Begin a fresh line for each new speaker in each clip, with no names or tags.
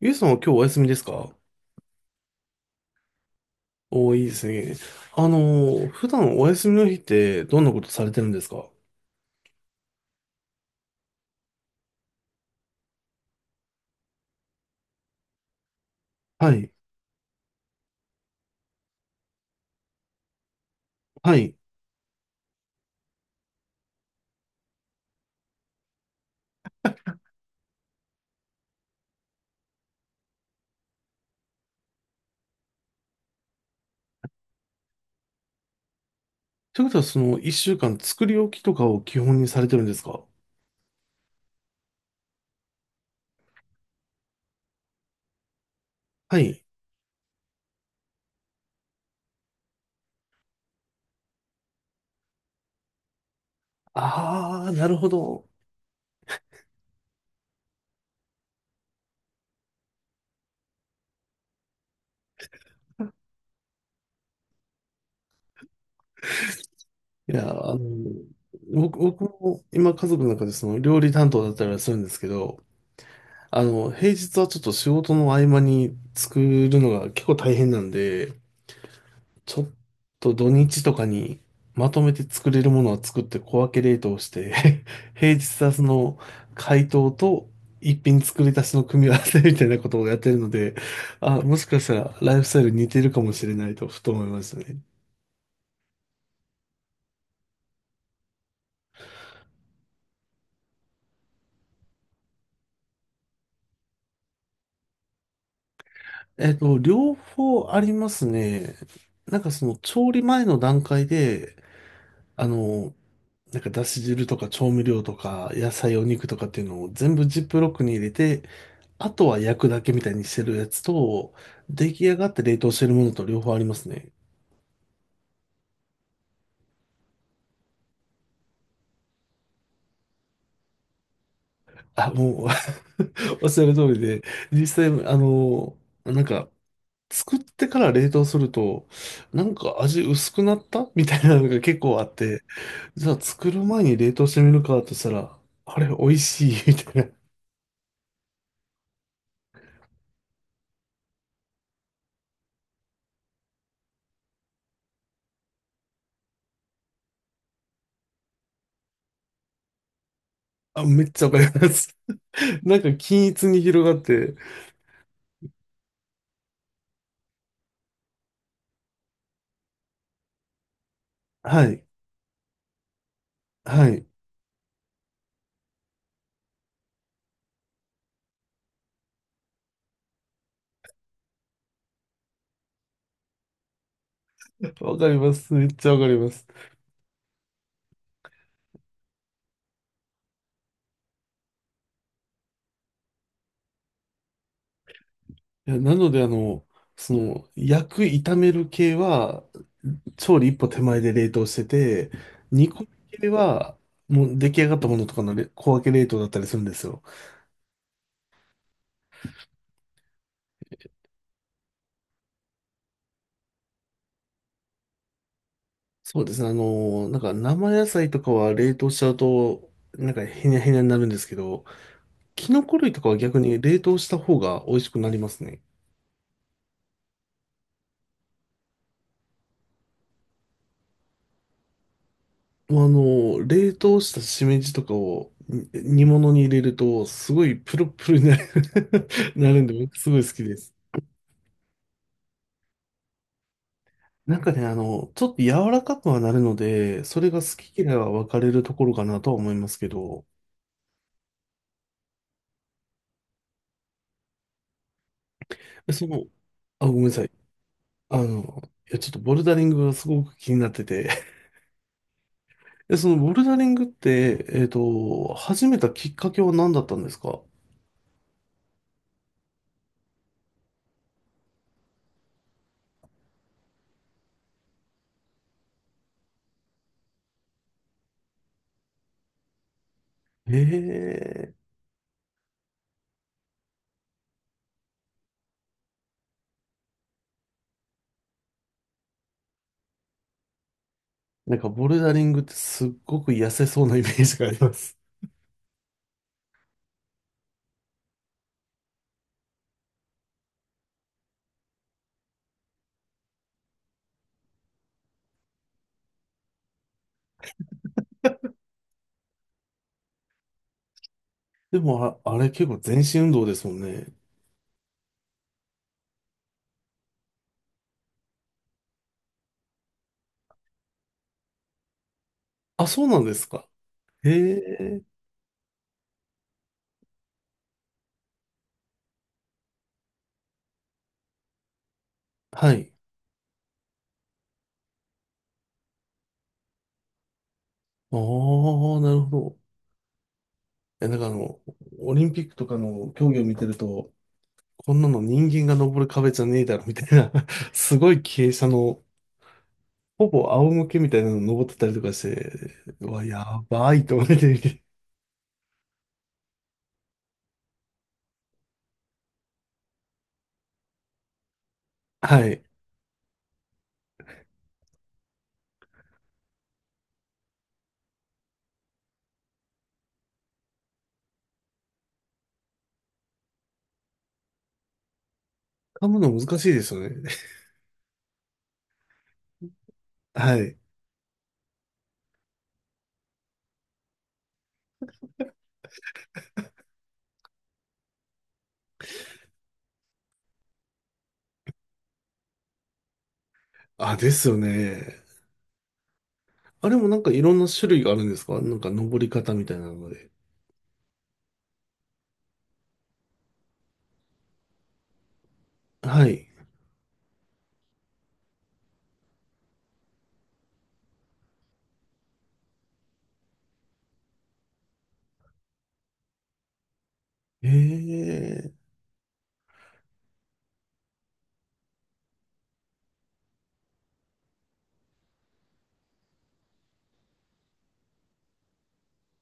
ゆうさんは今日お休みですか？おー、いいですね。あの普段お休みの日ってどんなことされてるんですか？はい。はい。ということは、その一週間作り置きとかを基本にされてるんですか？はい。あー、なるほど。いや、あのー僕も今家族の中でその料理担当だったりはするんですけど、平日はちょっと仕事の合間に作るのが結構大変なんで、ちょっと土日とかにまとめて作れるものは作って小分け冷凍して 平日はその解凍と一品作り足しの組み合わせみたいなことをやってるので、あ、もしかしたらライフスタイル似てるかもしれないとふと思いましたね。えっと、両方ありますね。なんかその調理前の段階で、あの、だし汁とか調味料とか野菜お肉とかっていうのを全部ジップロックに入れてあとは焼くだけみたいにしてるやつと、出来上がって冷凍してるものと両方ありますね。あ、もう おっしゃる通りで、実際、なんか、作ってから冷凍すると、なんか味薄くなったみたいなのが結構あって、じゃあ作る前に冷凍してみるかとしたら、あれ、美味しい みたいな。あ、めっちゃわかります。なんか均一に広がって、はい、はい。わかります。めっちゃわかります。いやなので、焼く、炒める系は、調理一歩手前で冷凍して、煮込み系は、もう出来上がったものとかのれ小分け冷凍だったりするんですよ。そうですね、生野菜とかは冷凍しちゃうと、なんかへにゃへにゃになるんですけど、キノコ類とかは逆に冷凍した方が美味しくなりますね。もうあの、冷凍したしめじとかをに煮物に入れると、すごいプルプルになる なるんで、僕すごい好きです。ちょっと柔らかくはなるので、それが好き嫌いは分かれるところかなとは思いますけど、でその、あ、ごめんなさい。あの、ちょっとボルダリングがすごく気になってて、でそのボルダリングって、始めたきっかけは何だったんですか？ええー、なんかボルダリングってすっごく痩せそうなイメージがあります。でも、あ、あれ結構全身運動ですもんね。あ、そうなんですか。ええー、はい。ああ、なるほど。え、なんかあの、オリンピックとかの競技を見てると、こんなの人間が登る壁じゃねえだろみたいな すごい傾斜の、ほぼ仰向けみたいなの登ってたりとかして、うわ、やばいと思って見て。はい。噛むの難しいですよね。はい。あ、ですよね。あれもなんかいろんな種類があるんですか？なんか登り方みたいなので。はい。ええ。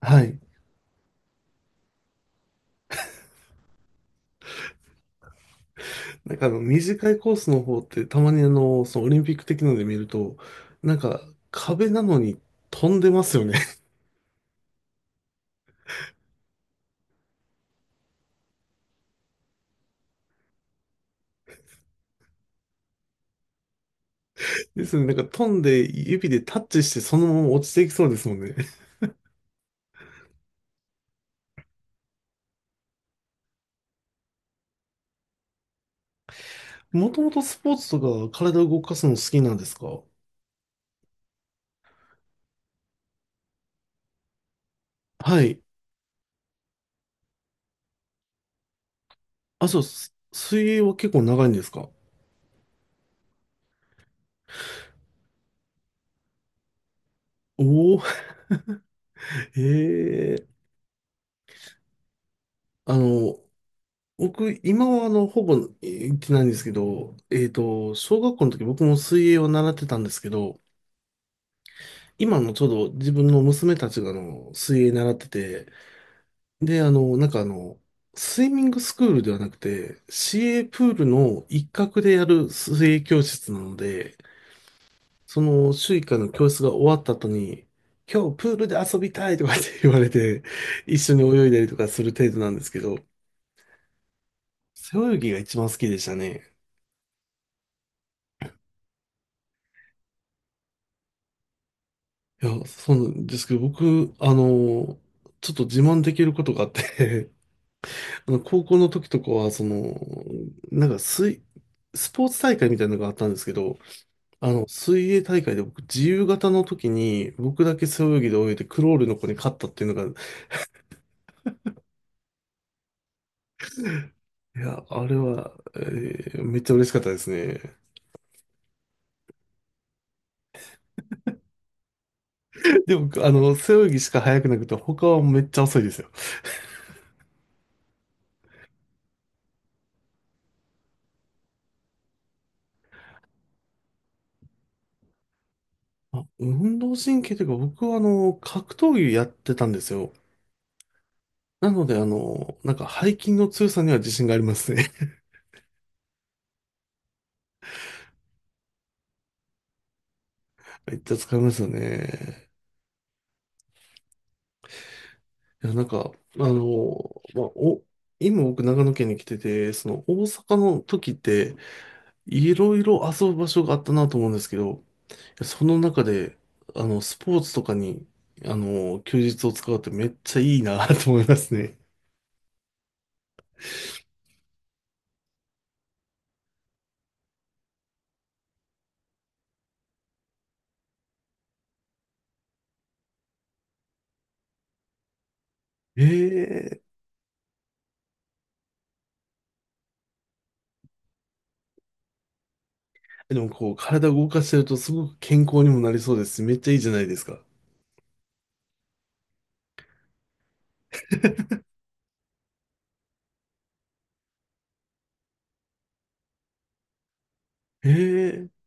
はい。短いコースの方ってたまにそのオリンピック的なので見ると、なんか壁なのに飛んでますよね。ですよね。なんか飛んで指でタッチしてそのまま落ちていきそうですもんね。もともとスポーツとか体を動かすの好きなんですか？はい。あ、そう、す水泳は結構長いんですか？おお、ええ、あの、僕、今はほぼ行ってないんですけど、えっと、小学校の時僕も水泳を習ってたんですけど、今のちょうど自分の娘たちがあの水泳習ってて、で、スイミングスクールではなくて、市営プールの一角でやる水泳教室なので、その週1回の教室が終わった後に、今日プールで遊びたいとかって言われて、一緒に泳いだりとかする程度なんですけど、背泳ぎが一番好きでしたね。そうなんですけど、僕、ちょっと自慢できることがあって、あの高校の時とかは、水、スポーツ大会みたいなのがあったんですけど、水泳大会で僕、自由形の時に、僕だけ背泳ぎで泳いで、クロールの子に勝ったっていうのが、いや、あれは、えーめっちゃ嬉しかったですね。で、僕、背泳ぎしか速くなくて、他はめっちゃ遅いですよ。あ、運動神経というか、僕は、格闘技やってたんですよ。なので、背筋の強さには自信がありますね。めっちゃ使いますよね。いや、なんか、あの、まあ、お、今僕長野県に来てて、その大阪の時って、いろいろ遊ぶ場所があったなと思うんですけど、その中で、スポーツとかに、休日を使うってめっちゃいいな と思いますね。ええ、でもこう、体動かしてるとすごく健康にもなりそうですし。めっちゃいいじゃないですか。ええ